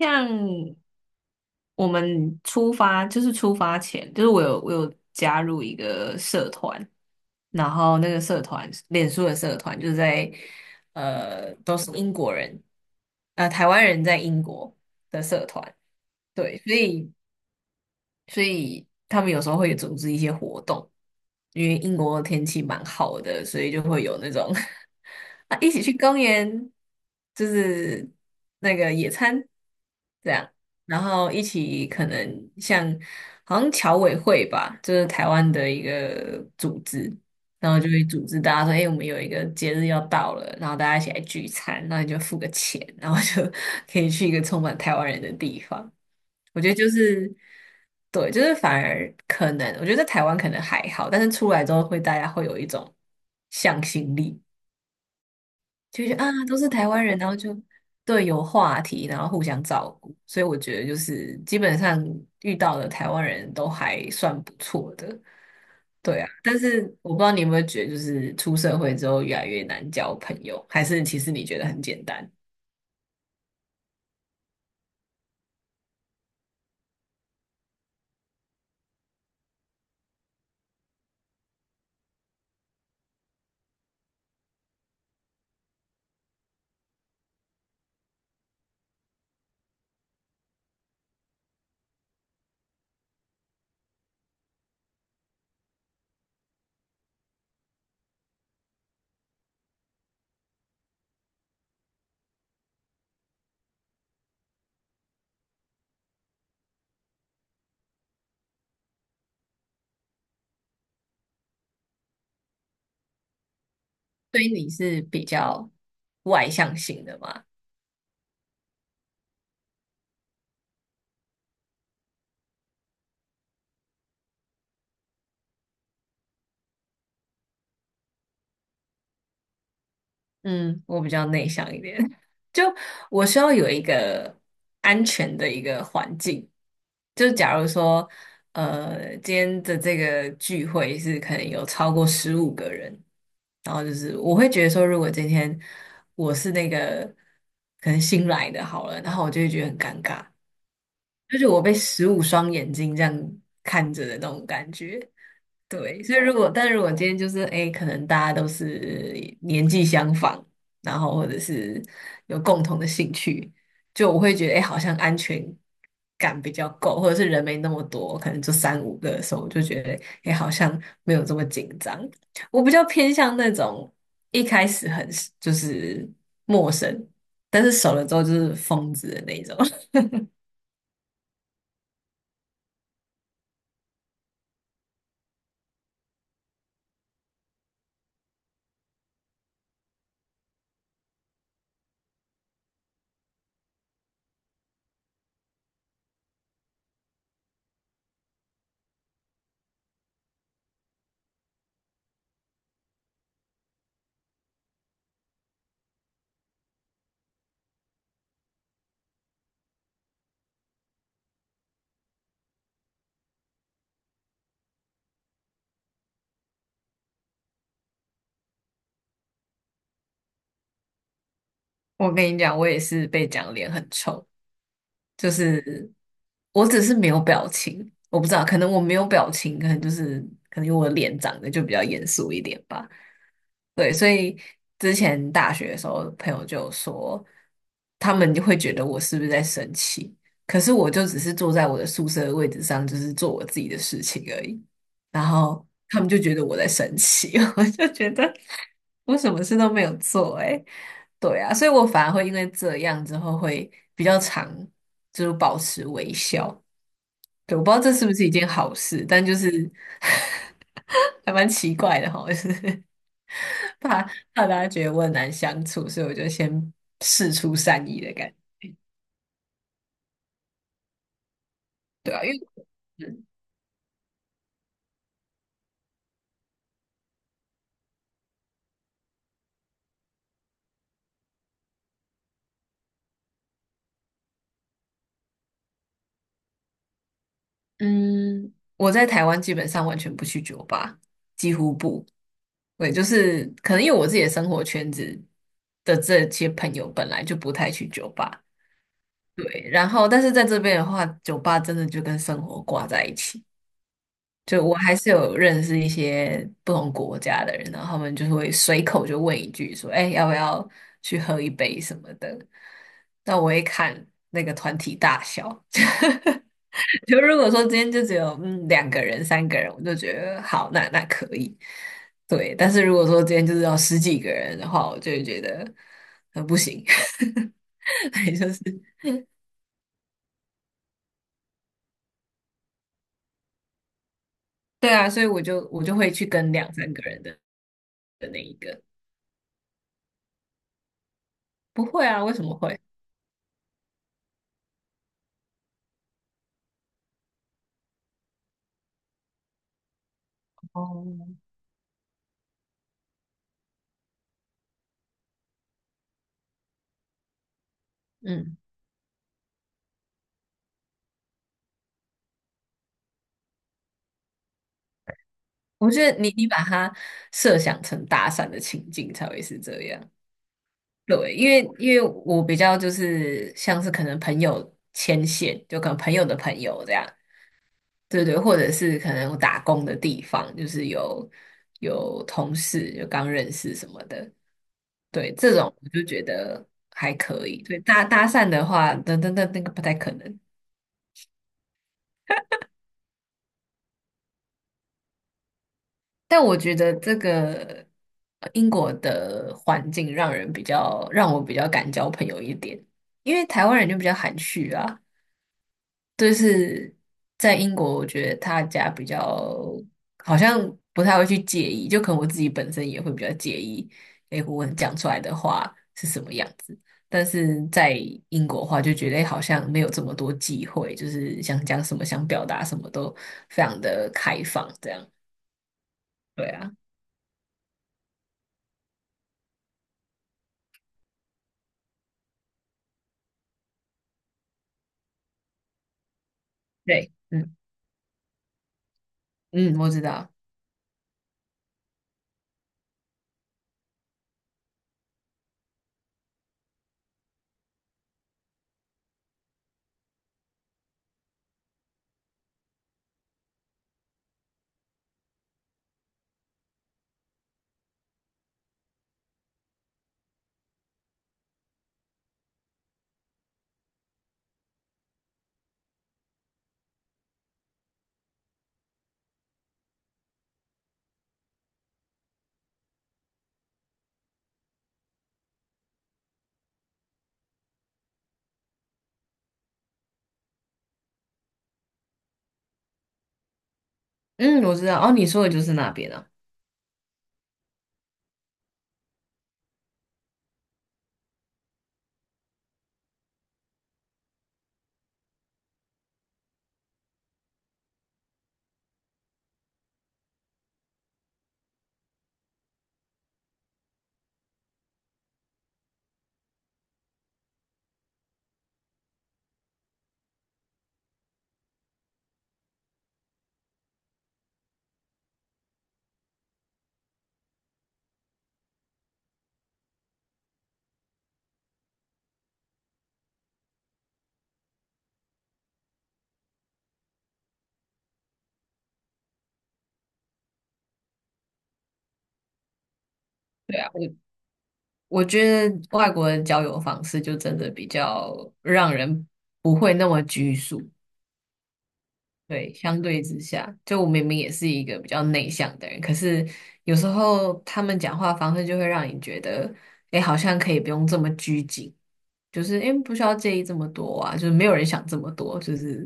像我们出发，就是出发前，就是我有加入一个社团，然后那个社团，脸书的社团，就是在都是英国人，台湾人在英国的社团，对，所以他们有时候会组织一些活动，因为英国的天气蛮好的，所以就会有那种 啊一起去公园，就是那个野餐这样，然后一起可能像好像侨委会吧，就是台湾的一个组织。然后就会组织大家说：“哎、我们有一个节日要到了，然后大家一起来聚餐，那你就付个钱，然后就 可以去一个充满台湾人的地方。”我觉得就是对，就是反而可能，我觉得在台湾可能还好，但是出来之后会大家会有一种向心力，就觉得啊都是台湾人，然后就对有话题，然后互相照顾，所以我觉得就是基本上遇到的台湾人都还算不错的，对啊。但是我不知道你有没有觉得，就是出社会之后越来越难交朋友，还是其实你觉得很简单？所以你是比较外向型的吗？嗯，我比较内向一点，就我需要有一个安全的一个环境。就假如说，今天的这个聚会是可能有超过15个人，然后就是我会觉得说，如果今天我是那个可能新来的好了，然后我就会觉得很尴尬，就是我被15双眼睛这样看着的那种感觉。对，所以如果，但如果今天就是，哎，可能大家都是年纪相仿，然后或者是有共同的兴趣，就我会觉得，哎，好像安全感比较够，或者是人没那么多，可能就三五个的时候，我就觉得，哎，好像没有这么紧张。我比较偏向那种一开始很就是陌生，但是熟了之后就是疯子的那种。我跟你讲，我也是被讲脸很臭。就是我只是没有表情，我不知道，可能我没有表情，可能就是可能因为我的脸长得就比较严肃一点吧。对，所以之前大学的时候，朋友就有说，他们就会觉得我是不是在生气，可是我就只是坐在我的宿舍的位置上，就是做我自己的事情而已。然后他们就觉得我在生气，我就觉得我什么事都没有做、欸，诶，对啊，所以我反而会因为这样之后会比较常就是保持微笑。对，我不知道这是不是一件好事，但就是 还蛮奇怪的哈，就是。怕怕大家觉得我很难相处，所以我就先试出善意的感觉，对啊，因为嗯，我在台湾基本上完全不去酒吧，几乎不，对，就是可能因为我自己的生活圈子的这些朋友本来就不太去酒吧，对，然后但是在这边的话，酒吧真的就跟生活挂在一起。就我还是有认识一些不同国家的人，然后他们就会随口就问一句说：“哎，要不要去喝一杯什么的？”那我会看那个团体大小。就如果说今天就只有嗯两个人、三个人，我就觉得好，那那可以。对，但是如果说今天就是要十几个人的话，我就会觉得不行，也就是对啊，所以我就会去跟两三个人的的那一个。不会啊，为什么会？哦，嗯。我觉得你把它设想成搭讪的情境才会是这样。对，因为我比较就是像是可能朋友牵线，就可能朋友的朋友这样，对对，或者是可能我打工的地方，就是有同事就刚认识什么的，对，这种我就觉得还可以。对，搭搭讪的话，那那那那个不太可能。但我觉得这个英国的环境让人比较让我比较敢交朋友一点，因为台湾人就比较含蓄啊。就是在英国，我觉得大家比较好像不太会去介意，就可能我自己本身也会比较介意，诶，我讲出来的话是什么样子。但是在英国的话，就觉得诶好像没有这么多忌讳，就是想讲什么、想表达什么都非常的开放，这样。对啊，对，嗯。嗯，我知道，嗯，我知道。哦，你说的就是那边啊。对啊，我我觉得外国的交友方式就真的比较让人不会那么拘束。对，相对之下，就我明明也是一个比较内向的人，可是有时候他们讲话方式就会让你觉得，哎，好像可以不用这么拘谨，就是因为不需要介意这么多啊，就是没有人想这么多，就是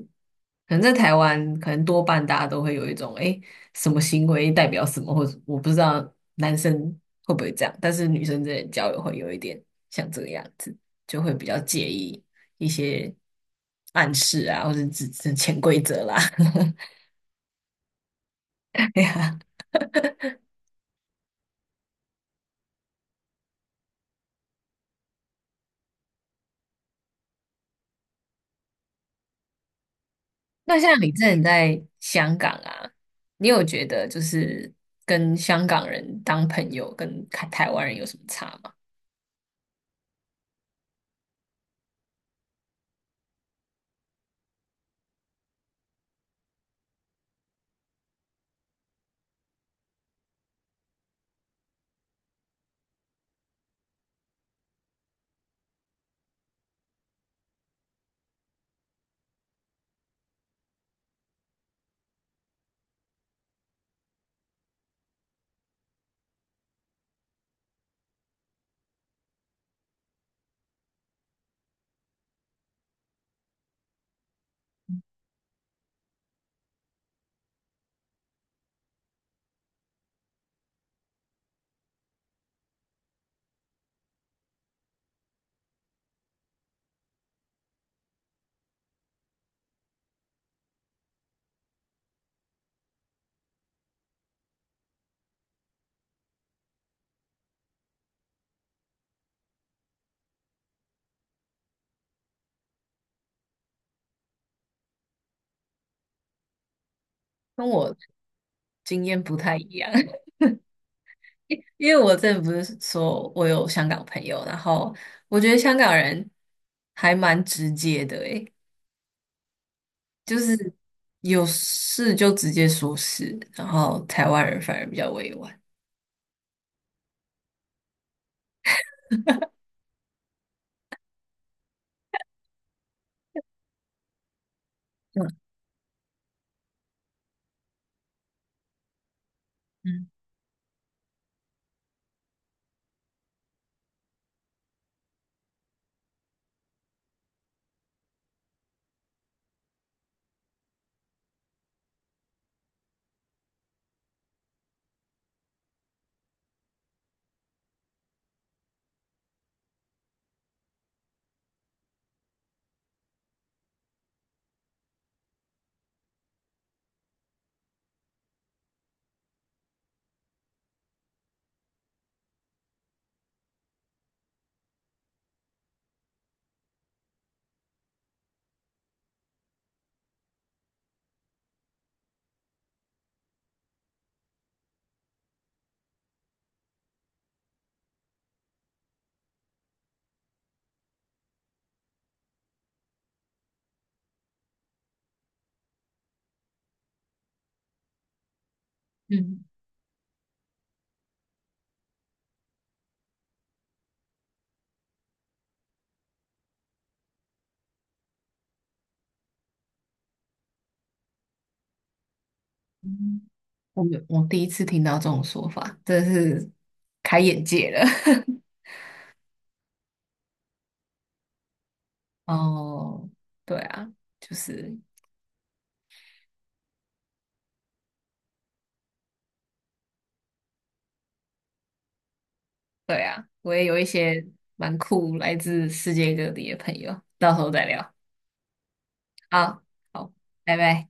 可能在台湾，可能多半大家都会有一种，哎，什么行为代表什么，或者我不知道男生会不会这样，但是女生之间的交友会有一点像这个样子，就会比较介意一些暗示啊，或者只是潜规则啦。哎呀，那像你之前在香港啊，你有觉得就是跟香港人当朋友跟台台湾人有什么差吗？跟我经验不太一样。因为我之前不是说我有香港朋友，然后我觉得香港人还蛮直接的，诶，就是有事就直接说事，然后台湾人反而比较委婉。嗯嗯嗯，嗯我没有我第一次听到这种说法，真的是开眼界了。哦，对啊，就是对啊，我也有一些蛮酷来自世界各地的朋友，到时候再聊。好，好，拜拜。